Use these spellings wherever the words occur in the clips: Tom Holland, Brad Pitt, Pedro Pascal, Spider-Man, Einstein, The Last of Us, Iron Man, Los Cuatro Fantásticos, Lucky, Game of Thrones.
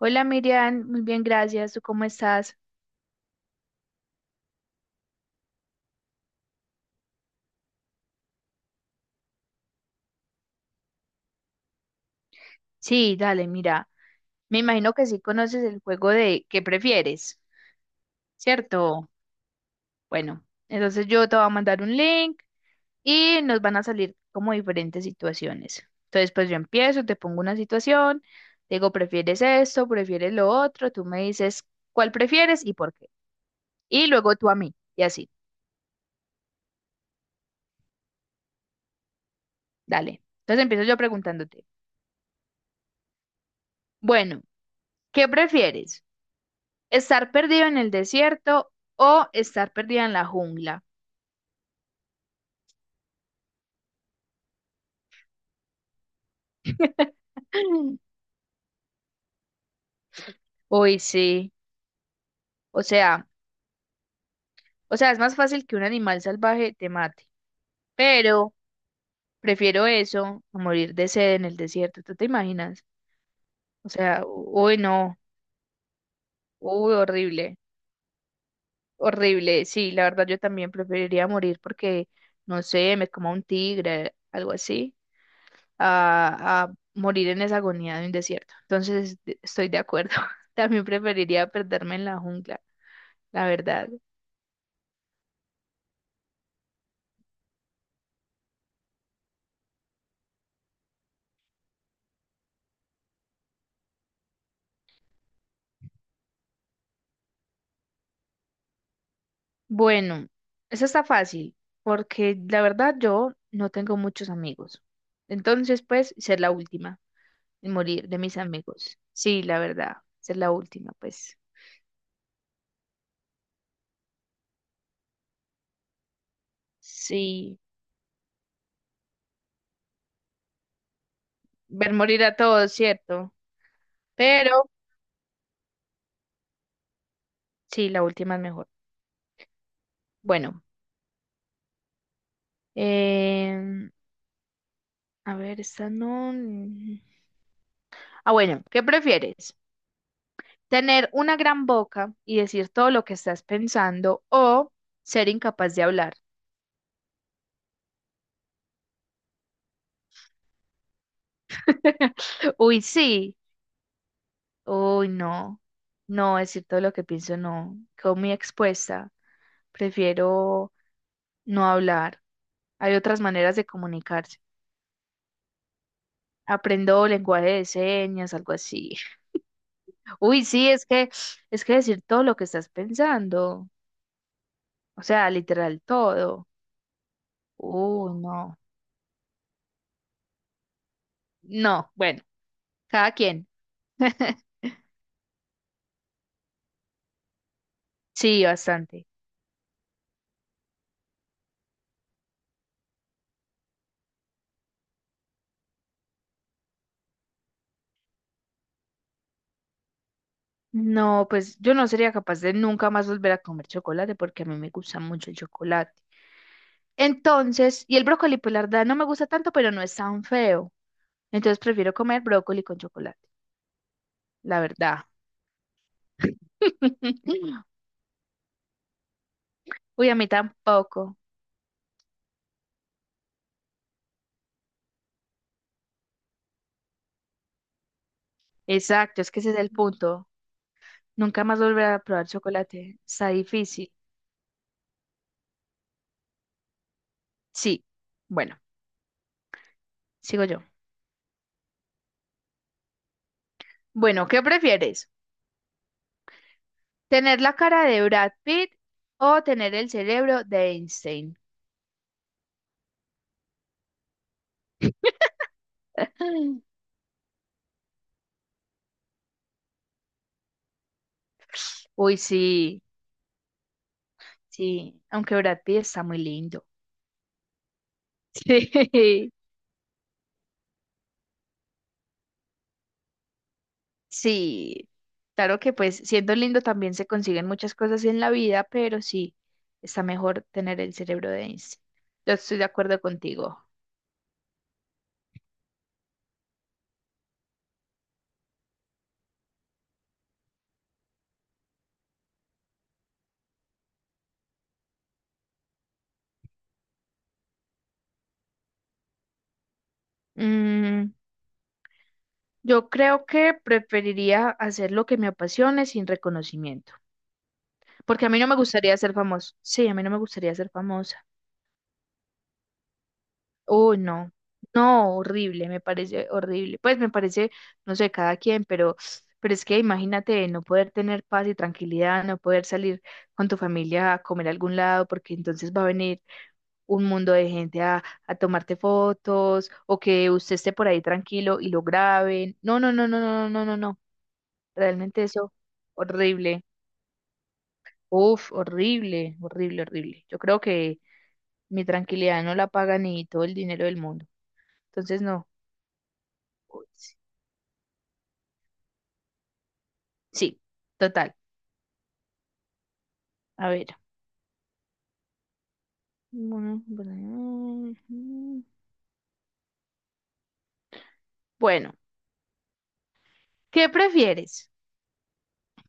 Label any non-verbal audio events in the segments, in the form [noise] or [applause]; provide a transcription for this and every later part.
Hola Miriam, muy bien, gracias. ¿Tú cómo estás? Sí, dale, mira. Me imagino que sí conoces el juego de ¿qué prefieres? ¿Cierto? Bueno, entonces yo te voy a mandar un link y nos van a salir como diferentes situaciones. Entonces, pues yo empiezo, te pongo una situación, te digo, ¿prefieres esto? ¿Prefieres lo otro? Tú me dices cuál prefieres y por qué. Y luego tú a mí, y así, dale. Entonces empiezo yo preguntándote, bueno, ¿qué prefieres? Estar perdido en el desierto o estar perdida en la jungla. [laughs] Uy, sí. O sea, o sea, es más fácil que un animal salvaje te mate. Pero prefiero eso a morir de sed en el desierto. ¿Tú te imaginas? O sea, uy, no. Uy, horrible. Horrible. Sí, la verdad yo también preferiría morir porque, no sé, me coma un tigre, algo así, a morir en esa agonía de un desierto. Entonces, estoy de acuerdo. [laughs] También preferiría perderme en la jungla, la verdad. Bueno, eso está fácil, porque la verdad yo no tengo muchos amigos. Entonces, pues, ser la última y morir de mis amigos. Sí, la verdad, ser la última, pues. Sí, ver morir a todos, ¿cierto? Pero sí, la última es mejor. Bueno, em, a ver, esta no. Mm. Ah, bueno, ¿qué prefieres? ¿Tener una gran boca y decir todo lo que estás pensando o ser incapaz de hablar? [laughs] Uy, sí. Uy, no. No, decir todo lo que pienso, no. Quedo muy expuesta. Prefiero no hablar. Hay otras maneras de comunicarse. Aprendo lenguaje de señas, algo así. [laughs] Uy, sí, es que decir todo lo que estás pensando, o sea, literal todo. No. No, bueno, cada quien. [laughs] Sí, bastante. No, pues yo no sería capaz de nunca más volver a comer chocolate porque a mí me gusta mucho el chocolate. Entonces, y el brócoli, pues la verdad no me gusta tanto, pero no es tan feo. Entonces prefiero comer brócoli con chocolate, la verdad. [laughs] Uy, a mí tampoco. Exacto, es que ese es el punto. Nunca más volver a probar chocolate. Está difícil. Sí. Bueno, sigo yo. Bueno, ¿qué prefieres? ¿Tener la cara de Brad Pitt o tener el cerebro de Einstein? Ay. Uy, sí, sí, aunque Brad Pitt está muy lindo. Sí, [laughs] sí, claro que pues siendo lindo también se consiguen muchas cosas en la vida, pero sí, está mejor tener el cerebro de Einstein. Yo estoy de acuerdo contigo. Mm, yo creo que preferiría hacer lo que me apasione sin reconocimiento, porque a mí no me gustaría ser famoso. Sí, a mí no me gustaría ser famosa. Oh, no, no, horrible, me parece horrible. Pues me parece, no sé, cada quien, pero es que imagínate no poder tener paz y tranquilidad, no poder salir con tu familia a comer a algún lado, porque entonces va a venir un mundo de gente a tomarte fotos o que usted esté por ahí tranquilo y lo graben. No, no, no, no, no, no, no, no. Realmente eso, horrible. Uf, horrible, horrible, horrible. Yo creo que mi tranquilidad no la paga ni todo el dinero del mundo. Entonces, no. Sí, total. A ver. Bueno, bueno, ujú. Bueno, ¿qué prefieres?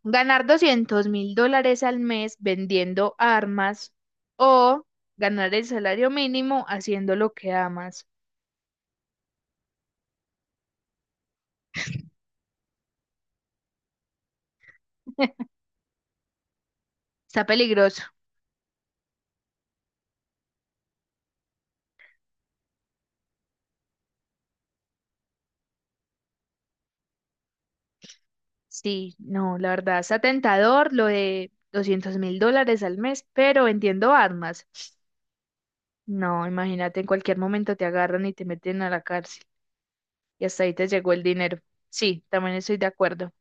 ¿Ganar $200,000 al mes vendiendo armas o ganar el salario mínimo haciendo lo que amas? [laughs] Está peligroso. Sí, no, la verdad, está tentador lo de $200,000 al mes, pero vendiendo armas. No, imagínate, en cualquier momento te agarran y te meten a la cárcel y hasta ahí te llegó el dinero. Sí, también estoy de acuerdo.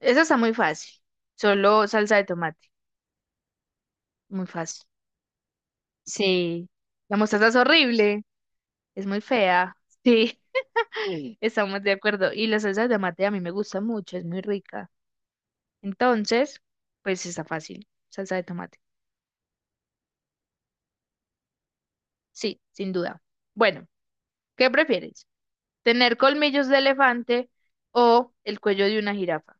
Eso está muy fácil. Solo salsa de tomate. Muy fácil. Sí. La mostaza es horrible. Es muy fea. Sí. [laughs] Estamos de acuerdo. Y la salsa de tomate a mí me gusta mucho. Es muy rica. Entonces, pues está fácil. Salsa de tomate. Sí, sin duda. Bueno, ¿qué prefieres? ¿Tener colmillos de elefante o el cuello de una jirafa?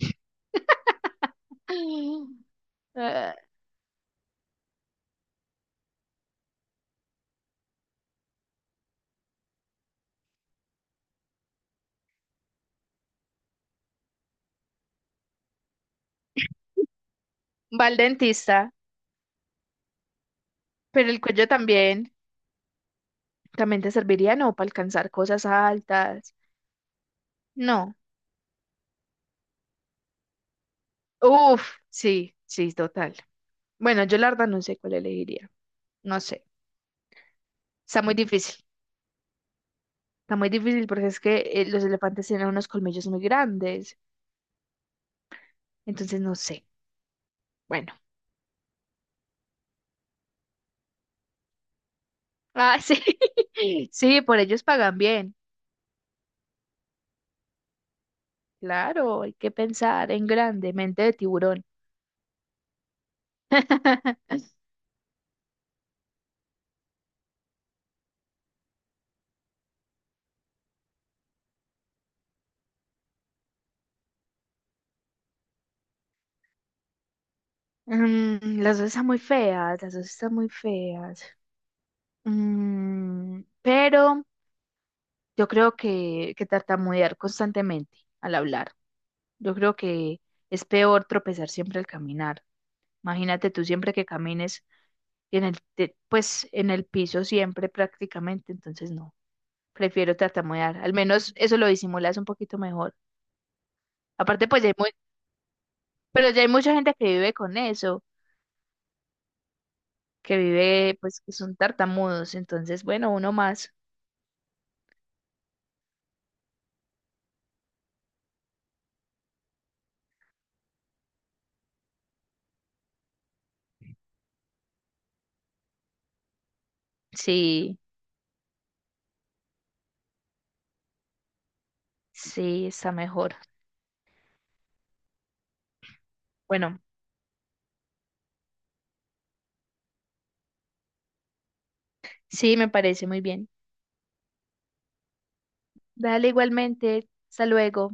[laughs] Ah, va al dentista, pero el cuello también. También te serviría, no, para alcanzar cosas altas. No. Uf, sí, sí, total. Bueno, yo la verdad no sé cuál elegiría. No sé. Está muy difícil. Está muy difícil porque es que los elefantes tienen unos colmillos muy grandes. Entonces no sé. Bueno. Ah, sí. [laughs] Sí, por ellos pagan bien. Claro, hay que pensar en grande, mente de tiburón. [laughs] Mm, las dos están muy feas, las dos están muy feas. Mm, pero yo creo que tartamudear constantemente al hablar. Yo creo que es peor tropezar siempre al caminar. Imagínate tú siempre que camines en pues en el piso siempre prácticamente, entonces no. Prefiero tartamudear. Al menos eso lo disimulas un poquito mejor. Aparte, pues pero ya hay mucha gente que vive con eso, que vive, pues que son tartamudos. Entonces, bueno, uno más. Sí, sí, está mejor. Bueno, sí, me parece muy bien. Dale igualmente. Hasta luego.